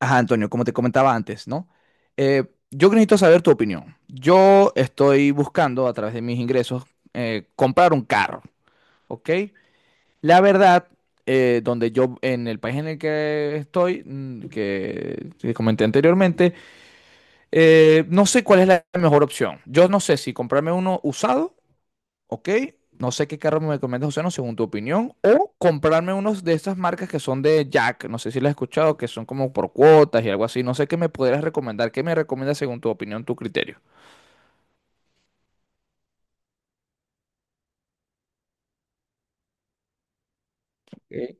Ajá, Antonio, como te comentaba antes, ¿no? Eh, yo necesito saber tu opinión. Yo estoy buscando a través de mis ingresos comprar un carro, ¿ok? La verdad, donde yo, en el país en el que estoy, que comenté anteriormente, no sé cuál es la mejor opción. Yo no sé si comprarme uno usado. Ok, no sé qué carro me recomiendas, José, no, según tu opinión. O comprarme unos de estas marcas que son de Jack. No sé si las has escuchado, que son como por cuotas y algo así. No sé qué me podrías recomendar. ¿Qué me recomiendas según tu opinión, tu criterio? Ok.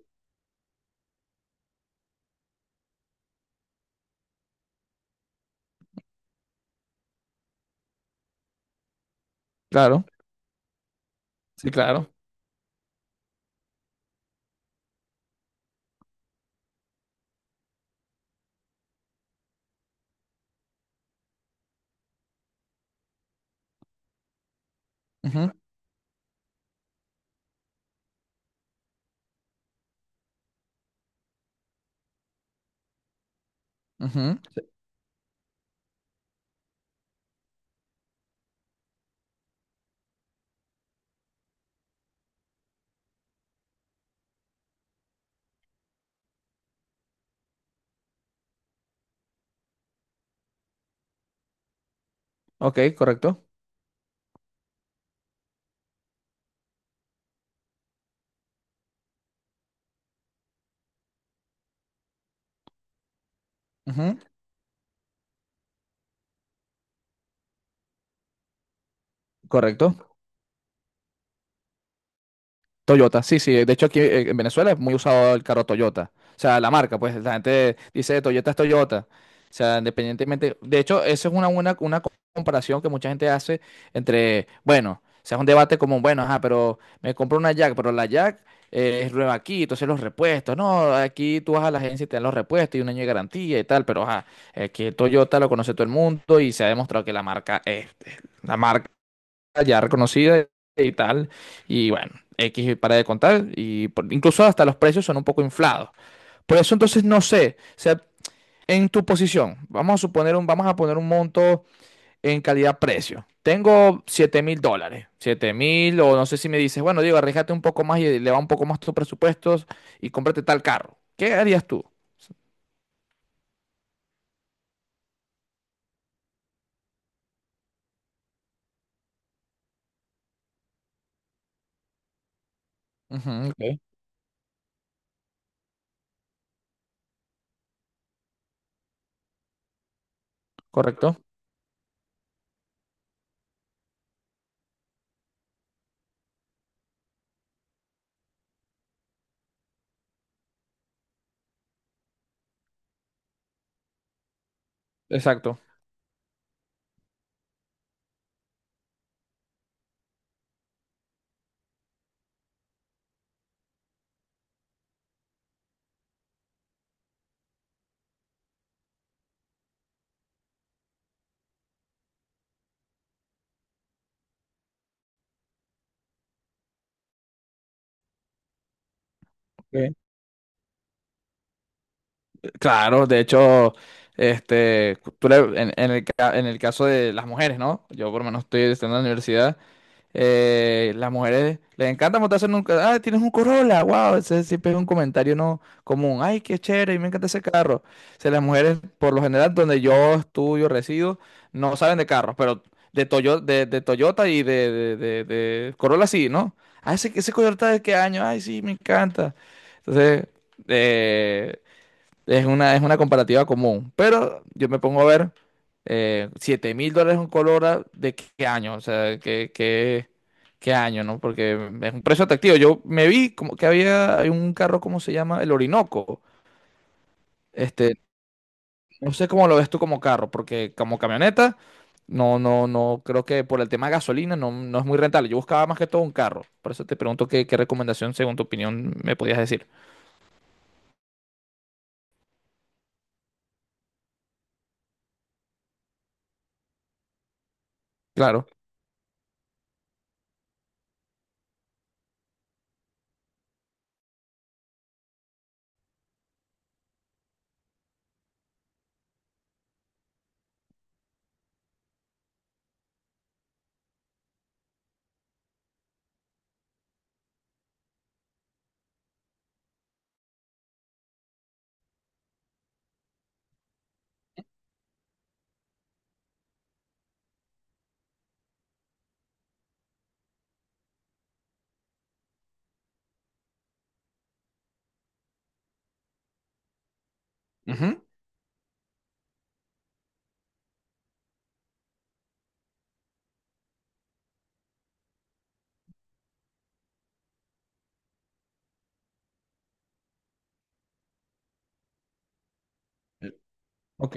Claro, sí, claro. Ujú, ujú. Ok, correcto. Ujú. Correcto. Toyota, sí, sí. De hecho, aquí en Venezuela es muy usado el carro Toyota. O sea, la marca, pues la gente dice Toyota es Toyota. O sea, independientemente. De hecho, esa es una buena una comparación que mucha gente hace entre, bueno, o sea, es un debate como, bueno, ajá, pero me compro una Jack, pero la Jack es nueva aquí, entonces los repuestos. No, aquí tú vas a la agencia y te dan los repuestos y un año de garantía y tal, pero ajá, que Toyota lo conoce todo el mundo y se ha demostrado que la marca es la marca ya reconocida y tal. Y bueno, X para de contar. Incluso hasta los precios son un poco inflados. Por eso entonces no sé. O sea, en tu posición, vamos a poner un monto en calidad-precio. Tengo 7 mil dólares. Siete mil, o no sé si me dices, bueno, Diego, arriesgate un poco más y le va un poco más tus presupuestos y cómprate tal carro. ¿Qué harías tú? Ujú, ok. Correcto. Exacto. Ok. Claro, de hecho, en el, en el caso de las mujeres, ¿no? Yo por lo menos estoy estudiando en la universidad. Las mujeres les encanta montarse en un... Ah, tienes un Corolla, wow, ese siempre es un comentario no común. Ay, qué chévere, me encanta ese carro. O sea, las mujeres, por lo general, donde yo estudio, resido, no saben de carros, pero de Toyota y de Corolla sí, ¿no? Ah, ese Toyota de qué año, ay, sí, me encanta. Entonces... Eh, es una comparativa común, pero yo me pongo a ver 7 mil dólares un color ah, de qué qué año, o sea, qué año, ¿no? Porque es un precio atractivo. Yo me vi como que había hay un carro, ¿cómo se llama? El Orinoco. Este, no sé cómo lo ves tú como carro, porque como camioneta, no, creo que por el tema de gasolina no es muy rentable. Yo buscaba más que todo un carro. Por eso te pregunto qué recomendación, según tu opinión, me podías decir. Claro. Ujú. Ok.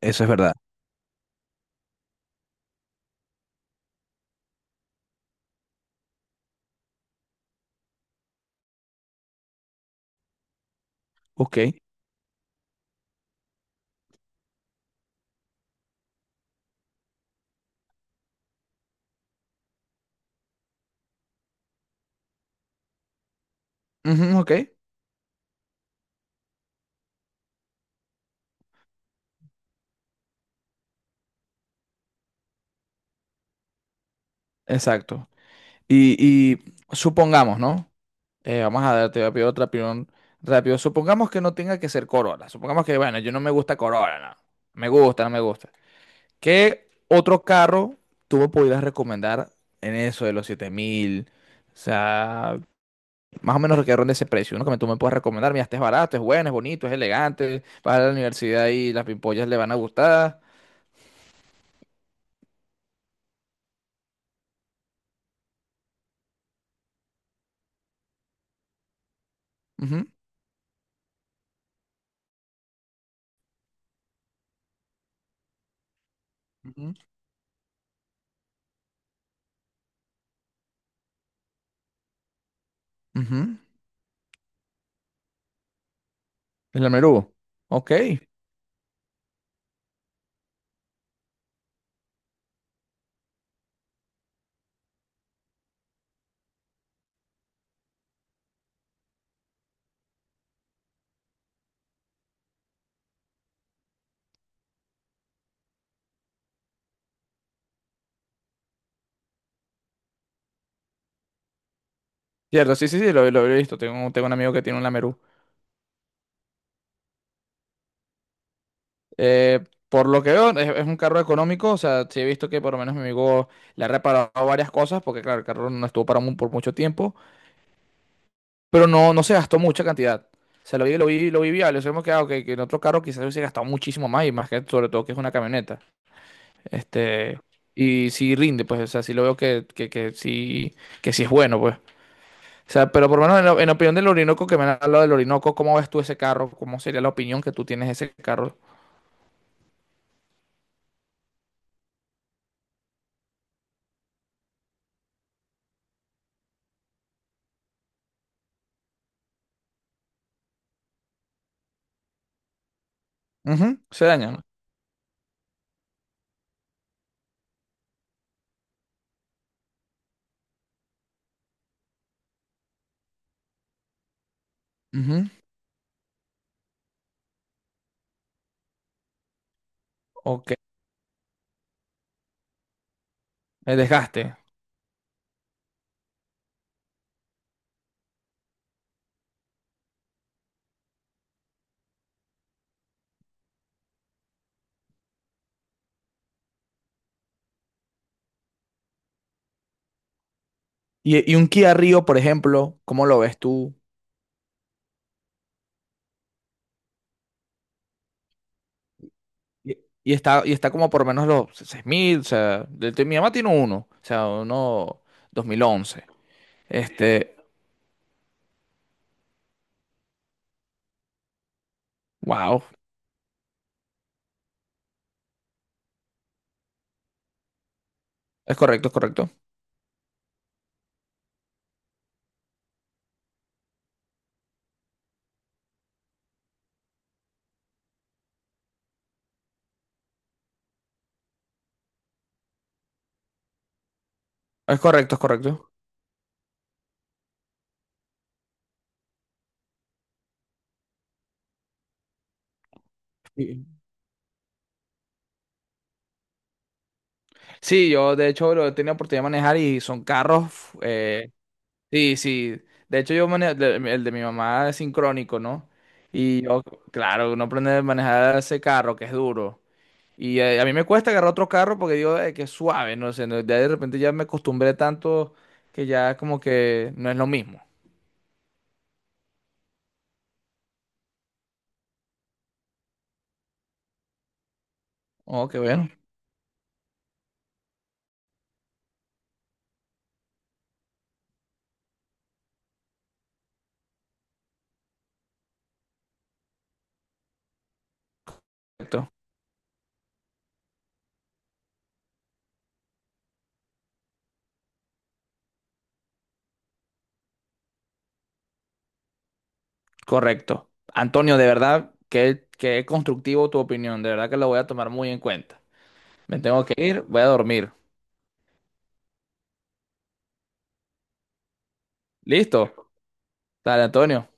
Eso es verdad. Ok. Ujú, ok, exacto. Y supongamos, ¿no? Vamos a darte rápido otra opinión rápido. Supongamos que no tenga que ser Corolla. Supongamos que, bueno, yo no me gusta Corolla, no. Me gusta, no me gusta. ¿Qué otro carro tú me pudieras recomendar en eso de los siete mil? O sea, más o menos que ronde ese precio. Uno que tú me puedas recomendar. Mira, este es barato, es bueno, es bonito, es elegante. Vas a la universidad y las pimpollas le van a gustar. Ujú, ujú, ujú. El Almerú. Ok. Cierto, sí, sí, sí, lo he visto. Tengo un amigo que tiene un Lamerú. Eh, por lo que veo, es un carro económico. O sea, sí he visto que por lo menos mi amigo le ha reparado varias cosas, porque claro, el carro no estuvo parado por mucho tiempo, pero no se gastó mucha cantidad. O sea, lo vi viable. Eso hemos quedado que, ah, ok, que en otro carro quizás hubiese gastado muchísimo más, y más que sobre todo que es una camioneta. Este, y sí rinde, pues, o sea, sí lo veo que sí es bueno, pues. O sea, pero por lo menos en opinión del Orinoco, que me han hablado del Orinoco, ¿cómo ves tú ese carro? ¿Cómo sería la opinión que tú tienes de ese carro? Ujú. Se dañan. Ujú. Ok, el desgaste. Y un Kia Rio, por ejemplo, ¿cómo lo ves tú? Y, y está, y está como por menos los seis mil, o sea, mi mamá tiene uno, o sea, uno dos mil once. Este, wow, es correcto, es correcto. Es correcto, es correcto. Sí. Sí, yo de hecho lo he tenido oportunidad de manejar y son carros, eh, sí, sí. De hecho yo manejo, el de mi mamá es sincrónico, ¿no? Y yo, claro, uno aprende a manejar ese carro que es duro. Y mí me cuesta agarrar otro carro porque digo "Ay, que es suave, no sé, ya de repente ya me acostumbré tanto que ya como que no es lo mismo. Oh, qué bueno. Correcto. Correcto. Antonio, de verdad, que constructivo tu opinión, de verdad que lo voy a tomar muy en cuenta. Me tengo que ir, voy a dormir. ¿Listo? Dale, Antonio.